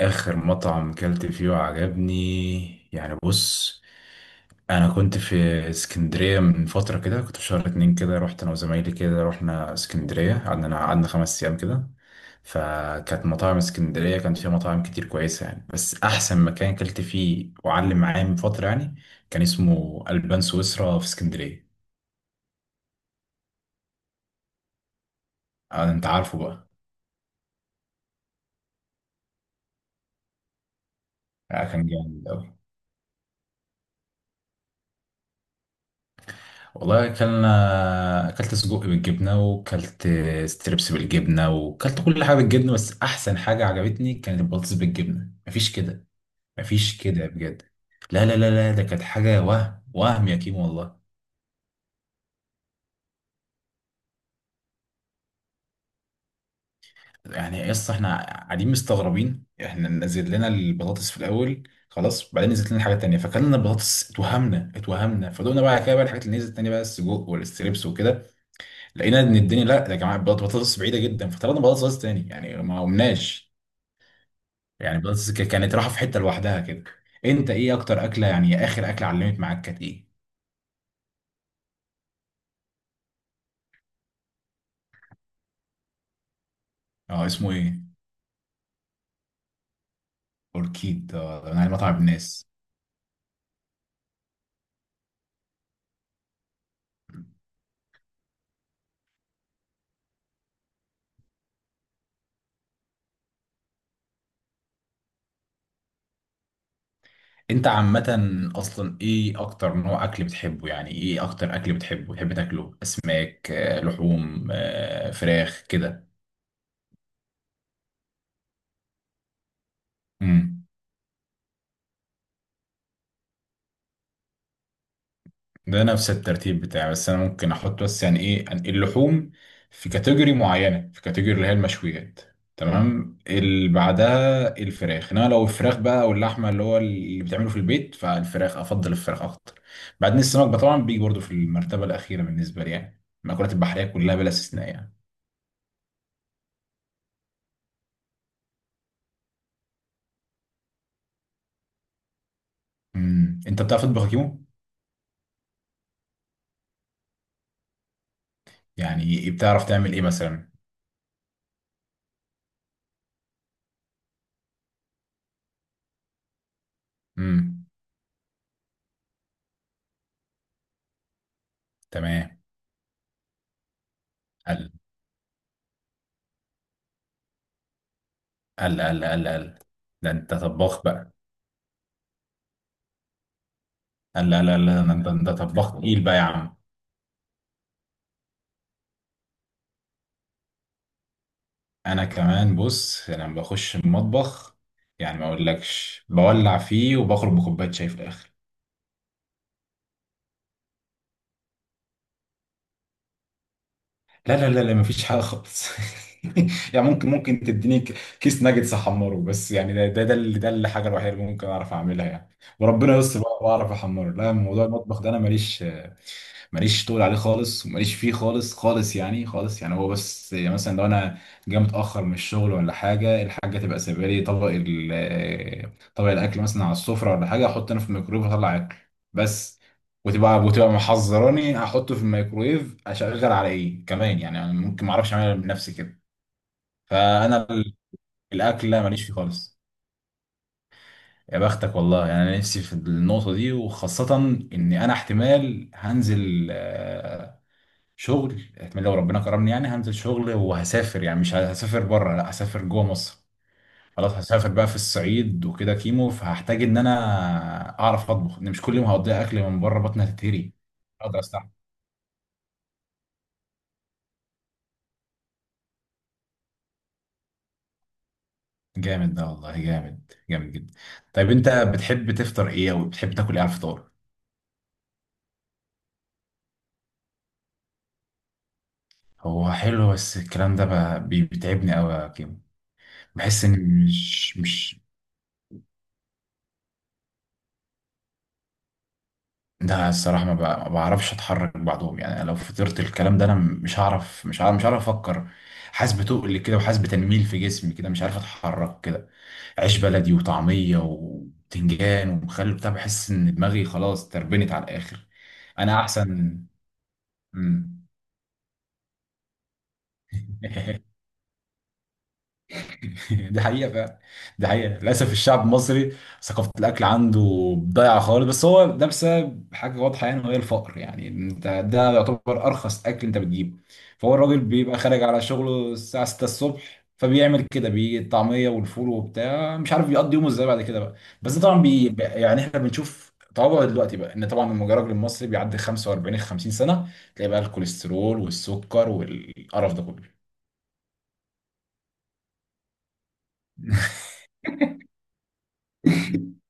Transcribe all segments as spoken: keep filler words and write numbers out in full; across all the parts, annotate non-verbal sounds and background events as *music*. آخر مطعم كلت فيه وعجبني يعني بص. أنا كنت في اسكندرية من فترة كده، كنت في شهر اتنين كده. رحت أنا وزمايلي كده، رحنا اسكندرية قعدنا قعدنا خمس أيام كده. فكانت مطاعم اسكندرية كان فيها مطاعم كتير كويسة يعني، بس أحسن مكان كلت فيه وعلم معايا من فترة يعني كان اسمه ألبان سويسرا في اسكندرية. آه، أنت عارفه بقى. آه، كان جامد أوي. والله اكلنا، اكلت سجق بالجبنه، وكلت ستريبس بالجبنه، وكلت كل حاجه بالجبنه، بس احسن حاجه عجبتني كانت البطاطس بالجبنه. مفيش كده، مفيش كده بجد. لا لا لا لا، ده كانت حاجه وهم وهم يا كيمو والله. يعني اصلا احنا قاعدين مستغربين، احنا نزل لنا البطاطس في الاول خلاص، بعدين نزلت لنا حاجه تانية فكلنا البطاطس، اتوهمنا اتوهمنا، فدقنا بقى كده بقى الحاجات اللي نزلت تاني بقى السجق والستريبس وكده، لقينا ان الدنيا لا يا جماعه البطاطس بعيده جدا، فطلبنا بطاطس تاني يعني ما قمناش. يعني بس ك- كانت راحة في حتة لوحدها كده. انت ايه اكتر اكلة يعني اخر اكلة علمت معاك كانت ايه؟ اه اسمه ايه؟ اوركيد، اه ده من مطعم الناس. انت عامة اصلا ايه اكتر نوع اكل بتحبه، يعني ايه اكتر اكل بتحبه بتحب تاكله؟ اسماك، آه، لحوم، آه، فراخ كده؟ امم، ده نفس الترتيب بتاعي، بس انا ممكن احط بس يعني ايه أن- اللحوم في كاتيجوري معينه، في كاتيجوري اللي هي المشويات. تمام، اللي بعدها الفراخ، انما لو الفراخ بقى او اللحمه اللي هو اللي بتعمله في البيت فالفراخ افضل، الفراخ اكتر. بعدين السمك بقى طبعا بيجي برضه في المرتبه الاخيره بالنسبه لي، يعني المأكولات البحريه كلها بلا استثناء يعني. امم، انت بتعرف تطبخ يا كيمو؟ يعني إيه- بتعرف تعمل ايه مثلا؟ امم. تمام. قال قال قال قال قال، ده انت طباخ بقى. قال، لا لا لا، ده ده- ده طباخ تقيل بقى يا عم. انا كمان بص لما بخش المطبخ يعني ما اقولكش بولع فيه وبخرج بكوبايه شاي في الاخر. لا لا لا لا، مفيش حاجه خالص. *laughs* يعني ممكن ممكن تديني ك- كيس ناجتس احمره بس. يعني ده ده ده اللي ده اللي الحاجه الوحيده اللي ممكن اعرف اعملها يعني، وربنا يستر بقى واعرف احمره. لا موضوع المطبخ ده انا ماليش، ماليش طول عليه خالص، وماليش فيه خالص خالص يعني خالص. يعني هو بس يعني مثلا لو انا جاي متاخر من الشغل ولا حاجه، الحاجه تبقى سايبه لي طبق ال- طبق الاكل مثلا على السفره ولا حاجه، احط انا في الميكرويف واطلع اكل بس. وتبقى وتبقى محذراني هحطه في الميكرويف اشغل على ايه كمان. يعني انا ممكن ما اعرفش اعملها بنفسي كده. فانا ال- الاكل لا ماليش فيه خالص. يا بختك والله، يعني انا نفسي في النقطه دي، وخاصه ان انا احتمال هنزل آه، شغل، احتمال لو ربنا كرمني يعني هنزل شغل وهسافر، يعني مش هسافر بره لا، هسافر جوه مصر. خلاص هسافر بقى في الصعيد وكده كيمو، فهحتاج ان انا اعرف اطبخ، ان مش كل يوم هقضيها اكل من بره، بطني هتتهري، اقدر استحمل. جامد ده والله، جامد جامد جدا. طيب انت بتحب تفطر ايه او بتحب تاكل ايه على الفطار؟ هو حلو بس الكلام ده ب- بي- بيتعبني قوي يا كيمو. بحس اني مش مش ده الصراحه ما ب- ما بعرفش اتحرك بعدهم، يعني لو فطرت الكلام ده انا مش هعرف مش هعرف مش هعرف افكر، حاسس بتقل كده وحاسس بتنميل في جسمي كده مش عارف اتحرك كده. عيش بلدي وطعميه وبتنجان ومخلل بتاع، بحس ان دماغي خلاص تربنت على الاخر. انا احسن. مم. *laughs* *laughs* دي حقيقة فعلا. دي حقيقة للأسف الشعب المصري ثقافة الأكل عنده ضايعة خالص، بس هو ده بسبب حاجة واضحة يعني وهي الفقر، يعني أنت ده يعتبر أرخص أكل أنت بتجيبه. فهو الراجل بيبقى خارج على شغله الساعة ستة الصبح، فبيعمل كده بيجي الطعمية والفول وبتاع، مش عارف بيقضي يومه إزاي بعد كده بقى. بس طبعا بي يعني إحنا بنشوف طبعا دلوقتي بقى ان طبعا لما الراجل المصري بيعدي خمسة وأربعين خمسين سنة تلاقي بقى الكوليسترول والسكر والقرف ده كله. *laughs*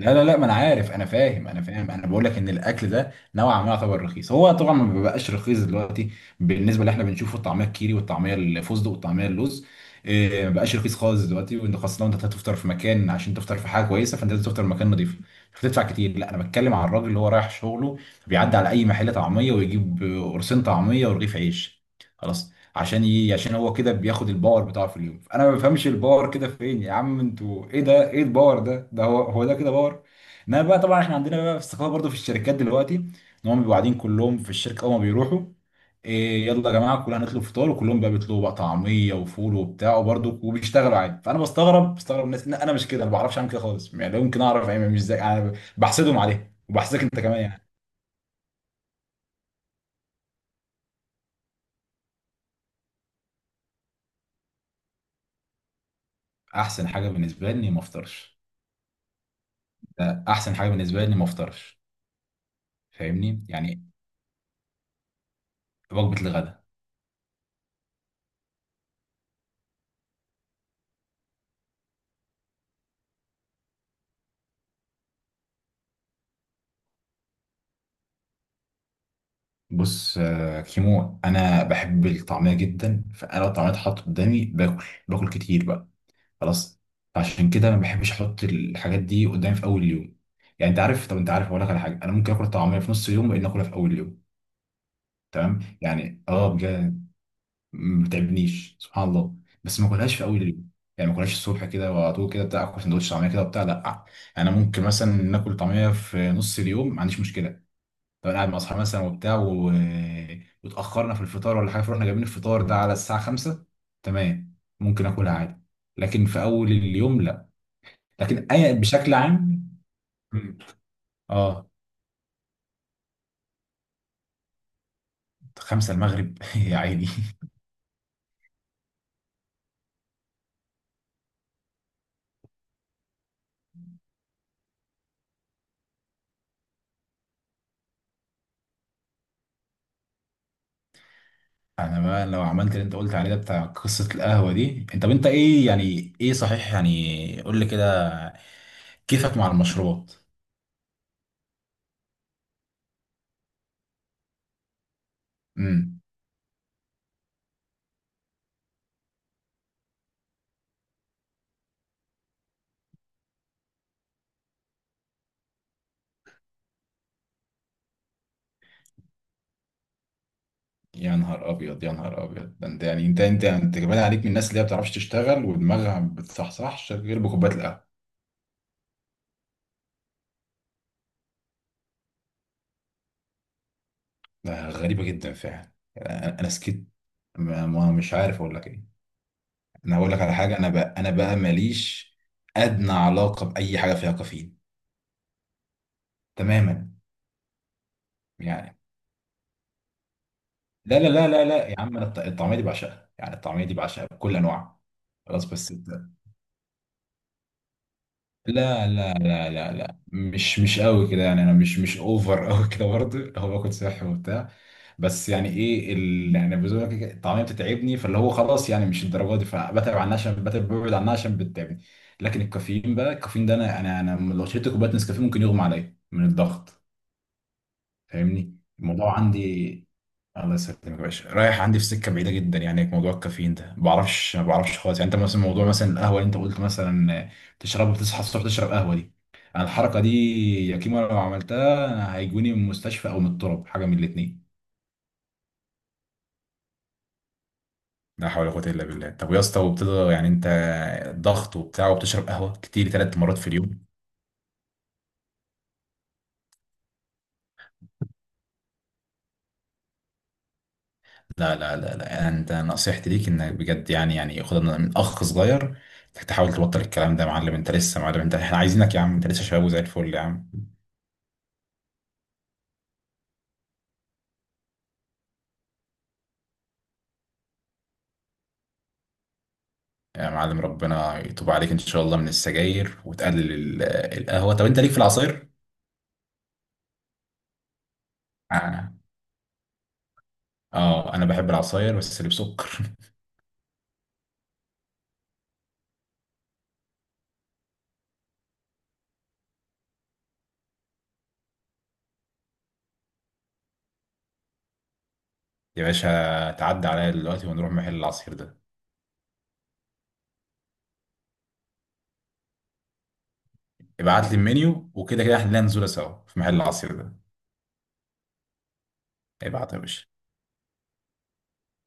لا لا لا، ما انا عارف، انا فاهم، انا فاهم، انا بقول لك ان الاكل ده نوعا ما يعتبر رخيص، هو طبعا ما بيبقاش رخيص دلوقتي بالنسبه اللي احنا بنشوفه، الطعميه الكيري والطعميه الفستق والطعميه اللوز إيه، ما بقاش رخيص خالص دلوقتي. وانت خاصه لو انت هتفطر في مكان، عشان تفطر في حاجه كويسه فانت لازم تفطر في مكان نظيف، مش هتدفع كتير. لا انا بتكلم على الراجل اللي هو رايح شغله بيعدي على اي محل طعميه ويجيب قرصين طعميه ورغيف عيش خلاص. عشان ايه؟ عشان هو كده بياخد الباور بتاعه في اليوم. انا ما بفهمش الباور كده فين يا عم، انتوا ايه ده ايه الباور ده، ده هو هو ده كده باور. انما بقى طبعا احنا عندنا بقى في الثقافه برضو في الشركات دلوقتي، ان هم بيبقوا قاعدين كلهم في الشركه اول ما بيروحوا إيه، يلا يا جماعه كلنا هنطلب فطار، وكلهم بقى بيطلبوا بقى طعميه وفول وبتاع، وبرضو وبيشتغلوا عادي. فانا بستغرب، بستغرب الناس، لا انا مش كده انا ما بعرفش اعمل كده خالص يعني، لو يمكن اعرف يعني مش زي، انا بحسدهم عليه وبحسدك انت كمان يعني. احسن حاجه بالنسبه لي اني ما افطرش. ده احسن حاجه بالنسبه لي اني ما افطرش، فاهمني يعني. وجبة الغداء. بص آه، كيمو انا بحب الطعمية جدا، فانا لو الطعمية اتحط قدامي باكل باكل كتير بقى خلاص. عشان كده ما بحبش احط الحاجات دي قدامي في اول اليوم. يعني انت عارف، طب انت عارف اقول لك على حاجة، انا ممكن اكل الطعمية في نص اليوم وان اكلها في اول اليوم. تمام يعني اه بجد. ما بتعبنيش سبحان الله، بس ما اكلهاش في اول اليوم. يعني ما اكلهاش الصبح كده وعلى طول كده بتاع، اكل سندوتش طعمية كده وبتاع لا. انا ممكن مثلا ناكل طعمية في نص اليوم ما عنديش مشكلة، لو انا قاعد مع اصحابي مثلا وبتاع و... واتاخرنا في الفطار ولا حاجه، فرحنا جايبين الفطار ده على الساعه خمسة. تمام ممكن اكلها عادي، لكن في اول اليوم لا. لكن اي بشكل عام. مم. اه خمسة المغرب *laughs* يا عيني. انا بقى لو عملت اللي انت قلت عليه ده بتاع قصة القهوة دي، انت طب انت ايه، يعني ايه صحيح يعني، قول لي كده كيفك مع المشروبات. يا نهار ابيض، يا نهار ابيض، ده انت يعني انت انت يعني انت كمان عليك من الناس اللي هي ما بتعرفش تشتغل، ودماغها ما بتصحصحش غير بكوبايه القهوه. ده غريبه جدا فعلا يعني. انا أنا سكت، ما ما- مش عارف اقول لك ايه. انا هقول لك على حاجه، انا بقى انا بقى ماليش ادنى علاقه باي حاجه فيها كافيين، تماما. يعني لا لا لا لا لا يا عم، انا الط- الطعميه دي بعشقها، يعني الطعميه دي بعشقها بكل انواعها. خلاص بس لا لا لا لا لا، مش مش قوي كده، يعني انا مش مش اوفر *laughs* قوي كده برضه، هو باكل صحي وبتاع بس. يعني ايه اللي يعني بزوجك الطعميه بتتعبني، فاللي هو خلاص يعني مش الدرجه دي، فبتعب عنها عشان بتعب، ببعد عنها عشان بتتعبني. لكن الكافيين بقى الكافيين ده، انا انا انا لو شربت كوبايه نسكافيه ممكن يغمى عليا من الضغط، فاهمني الموضوع عندي. الله يسلمك يا باشا، رايح عندي في سكه بعيده جدا يعني، موضوع الكافيين ده ما بعرفش ما بعرفش خالص. يعني انت مثلا موضوع مثلا القهوه اللي انت قلت مثلا تشرب وتصحى الصبح تشرب قهوه دي، انا الحركه دي يا كيمو لو عملتها أنا هيجوني من المستشفى او من الطرب، حاجه من الاثنين. لا حول ولا قوه الا بالله. طب يا اسطى، وبتقدر يعني انت ضغط وبتاع وبتشرب قهوه كتير ثلاث مرات في اليوم؟ لا لا لا لا، يعني انت نصيحتي ليك انك بجد يعني، يعني خدها من اخ صغير، انك تحاول تبطل الكلام ده يا معلم، انت لسه يا معلم، انت احنا عايزينك يا عم انت لسه شباب وزي الفل يا عم. يا معلم ربنا يتوب عليك ان شاء الله من السجاير، وتقلل ال- القهوه. طب انت ليك في العصاير؟ اه. آه، انا بحب العصاير بس اللي بسكر. *laughs* يا باشا تعدي عليا دلوقتي ونروح محل العصير ده. ابعت لي المنيو وكده كده احنا لنا نزوله سوا في محل العصير ده. ابعت يا باشا.